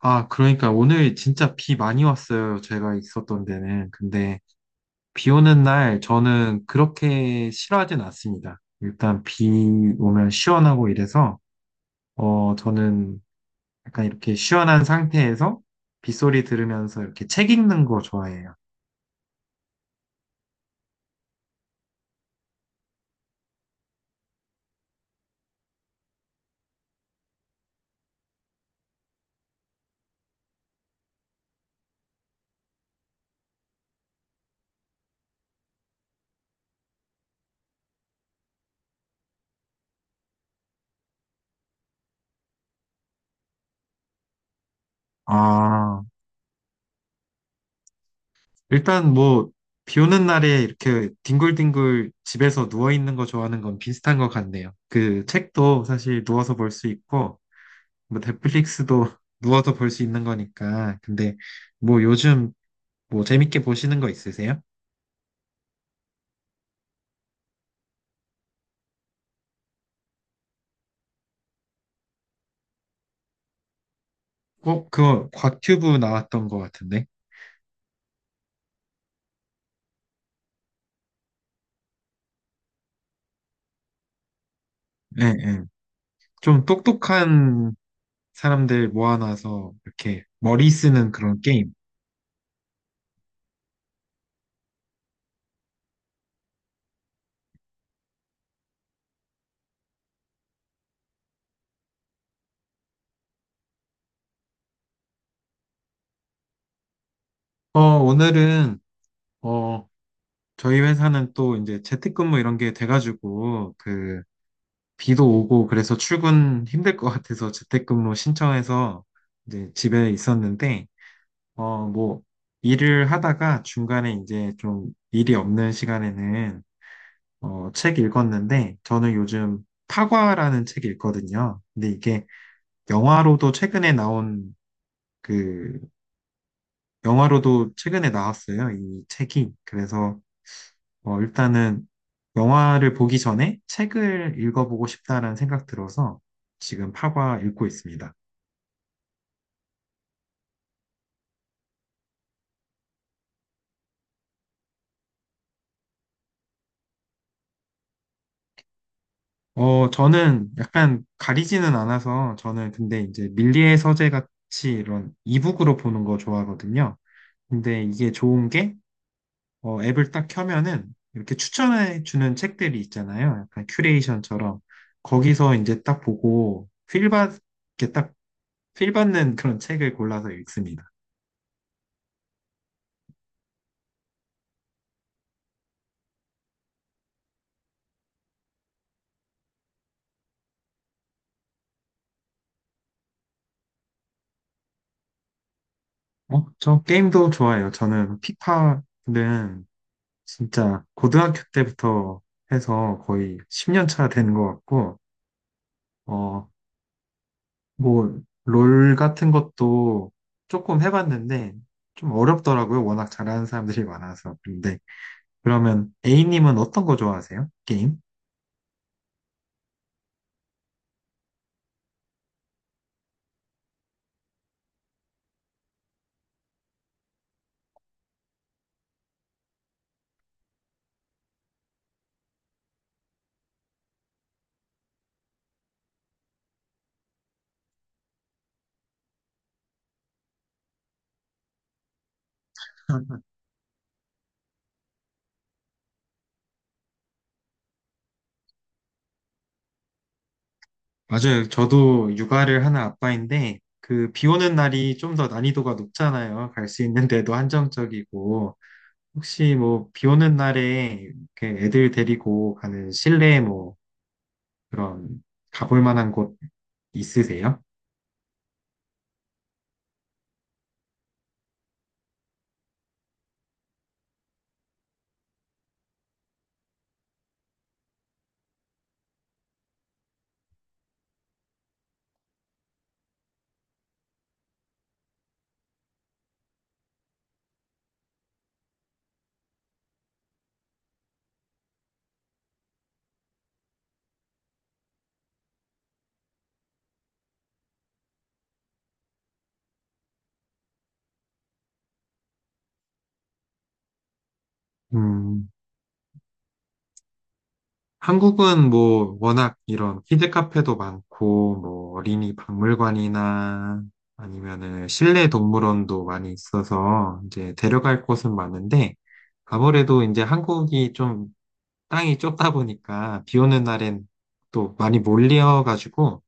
아, 그러니까 오늘 진짜 비 많이 왔어요. 제가 있었던 데는. 근데 비 오는 날 저는 그렇게 싫어하진 않습니다. 일단 비 오면 시원하고 이래서, 저는 약간 이렇게 시원한 상태에서 빗소리 들으면서 이렇게 책 읽는 거 좋아해요. 아, 일단 뭐, 비 오는 날에 이렇게 뒹굴뒹굴 집에서 누워 있는 거 좋아하는 건 비슷한 것 같네요. 그 책도 사실 누워서 볼 수 있고, 뭐 넷플릭스도 누워서 볼 수 있는 거니까. 근데 뭐 요즘 뭐 재밌게 보시는 거 있으세요? 어, 그거 곽튜브 나왔던 거 같은데. 예, 예. 좀 똑똑한 사람들 모아놔서 이렇게 머리 쓰는 그런 게임. 어, 오늘은 어, 저희 회사는 또 이제 재택근무 이런 게 돼가지고 그 비도 오고 그래서 출근 힘들 것 같아서 재택근무 신청해서 이제 집에 있었는데 어, 뭐, 일을 하다가 중간에 이제 좀 일이 없는 시간에는 책 읽었는데, 저는 요즘 파과라는 책 읽거든요. 근데 이게 영화로도 최근에 나온 그, 영화로도 최근에 나왔어요. 이 책이. 그래서 일단은 영화를 보기 전에 책을 읽어보고 싶다라는 생각 들어서 지금 파과 읽고 있습니다. 어, 저는 약간 가리지는 않아서 저는 근데 이제 밀리의 서재 같이 이런 이북으로 보는 거 좋아하거든요. 근데 이게 좋은 게 앱을 딱 켜면은 이렇게 추천해 주는 책들이 있잖아요. 약간 큐레이션처럼 거기서 이제 딱 보고 이렇게 딱필 받는 그런 책을 골라서 읽습니다. 어, 저 게임도 좋아해요. 저는 피파는 진짜 고등학교 때부터 해서 거의 10년 차 되는 것 같고 어, 뭐, 롤 같은 것도 조금 해봤는데, 좀 어렵더라고요. 워낙 잘하는 사람들이 많아서. 근데, 그러면 A님은 어떤 거 좋아하세요? 게임? 맞아요. 저도 육아를 하는 아빠인데, 그, 비 오는 날이 좀 더 난이도가 높잖아요. 갈 수 있는 데도 한정적이고, 혹시 뭐, 비 오는 날에 이렇게 애들 데리고 가는 실내 뭐, 그런, 가볼 만한 곳 있으세요? 음, 한국은 뭐 워낙 이런 키즈 카페도 많고 뭐 어린이 박물관이나 아니면은 실내 동물원도 많이 있어서 이제 데려갈 곳은 많은데 아무래도 이제 한국이 좀 땅이 좁다 보니까 비 오는 날엔 또 많이 몰려가지고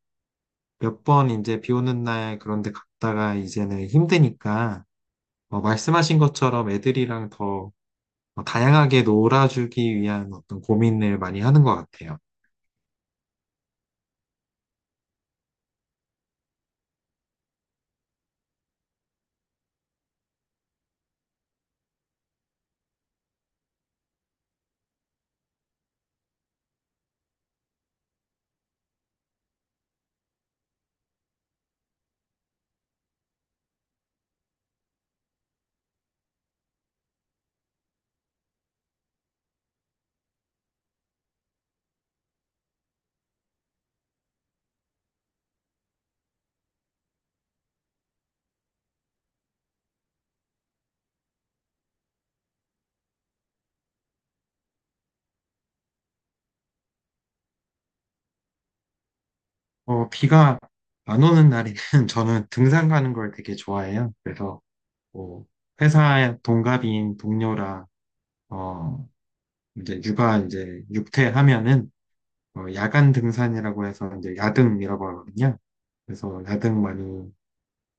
몇 번 이제 비 오는 날 그런데 갔다가 이제는 힘드니까 말씀하신 것처럼 애들이랑 더 다양하게 놀아주기 위한 어떤 고민을 많이 하는 것 같아요. 어, 비가 안 오는 날에는 저는 등산 가는 걸 되게 좋아해요. 그래서 뭐 회사 동갑인 동료랑 어 이제 육아 이제 육퇴하면은 야간 등산이라고 해서 이제 야등이라고 하거든요. 그래서 야등 많이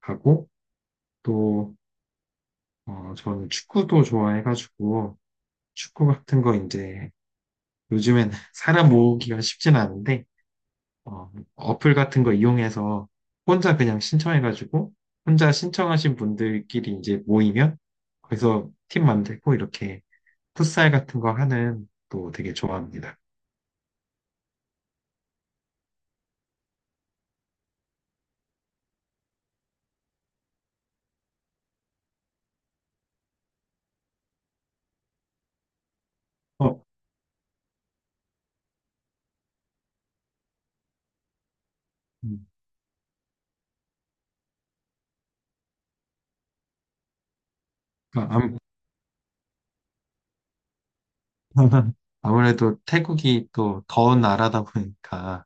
가고 또 저는 축구도 좋아해가지고 축구 같은 거 이제 요즘엔 사람 모으기가 쉽진 않은데 어플 같은 거 이용해서 혼자 그냥 신청해가지고 혼자 신청하신 분들끼리 이제 모이면 거기서 팀 만들고 이렇게 풋살 같은 거 하는 또 되게 좋아합니다. 어, 음, 그러니까 아무래도 태국이 또 더운 나라다 보니까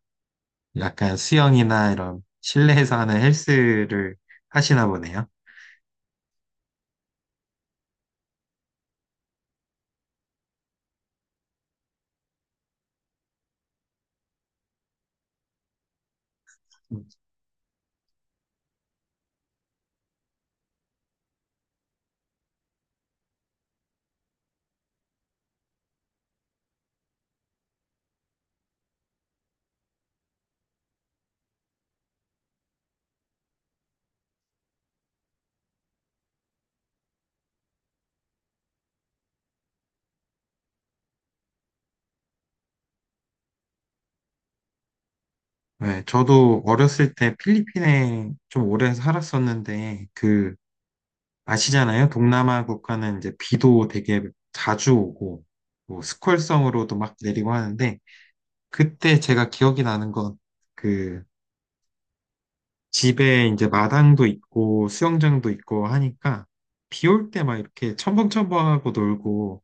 약간 수영이나 이런 실내에서 하는 헬스를 하시나 보네요. 네, 저도 어렸을 때 필리핀에 좀 오래 살았었는데 그 아시잖아요. 동남아 국가는 이제 비도 되게 자주 오고, 뭐 스콜성으로도 막 내리고 하는데, 그때 제가 기억이 나는 건, 그, 집에 이제 마당도 있고, 수영장도 있고 하니까, 비 올 때 막 이렇게 첨벙첨벙하고 놀고,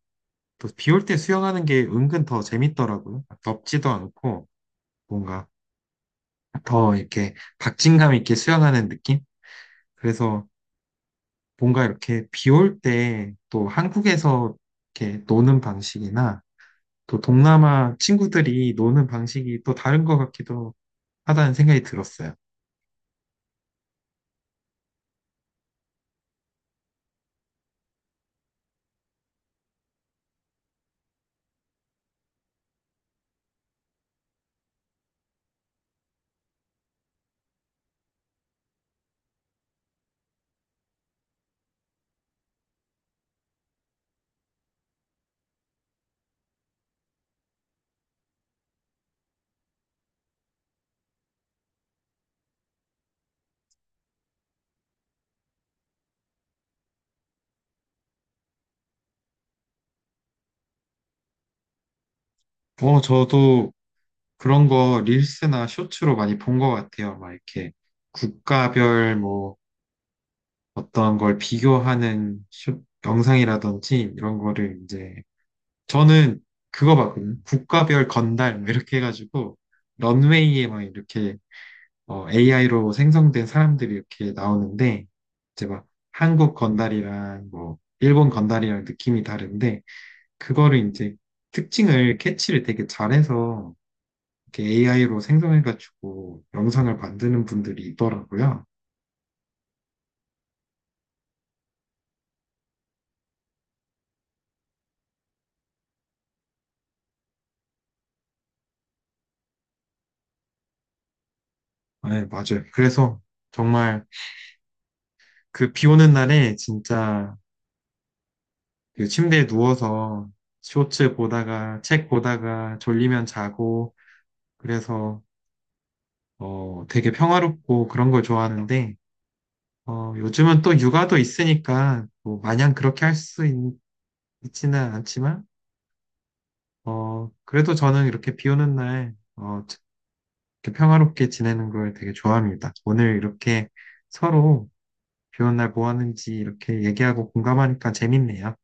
또 비 올 때 수영하는 게 은근 더 재밌더라고요. 덥지도 않고, 뭔가 더 이렇게 박진감 있게 수영하는 느낌? 그래서 뭔가 이렇게 비 올 때 또 한국에서 이렇게 노는 방식이나 또 동남아 친구들이 노는 방식이 또 다른 것 같기도 하다는 생각이 들었어요. 어, 저도 그런 거 릴스나 쇼츠로 많이 본 것 같아요. 막 이렇게 국가별 뭐 어떤 걸 비교하는 쇼, 영상이라든지 이런 거를 이제 저는 그거 봤거든요. 국가별 건달 뭐 이렇게 해가지고 런웨이에 막 이렇게 AI로 생성된 사람들이 이렇게 나오는데, 이제 막 한국 건달이랑 뭐, 일본 건달이랑 느낌이 다른데, 그거를 이제 특징을 캐치를 되게 잘해서 이렇게 AI로 생성해가지고 영상을 만드는 분들이 있더라고요. 네, 맞아요. 그래서 정말 그 비 오는 날에 진짜 그 침대에 누워서 쇼츠 보다가 책 보다가 졸리면 자고, 그래서 되게 평화롭고 그런 걸 좋아하는데, 어, 요즘은 또 육아도 있으니까 뭐 마냥 그렇게 할 수 있지는 않지만 그래도 저는 이렇게 비 오는 날 어, 이렇게 평화롭게 지내는 걸 되게 좋아합니다. 오늘 이렇게 서로 비 오는 날 뭐 하는지 이렇게 얘기하고 공감하니까 재밌네요.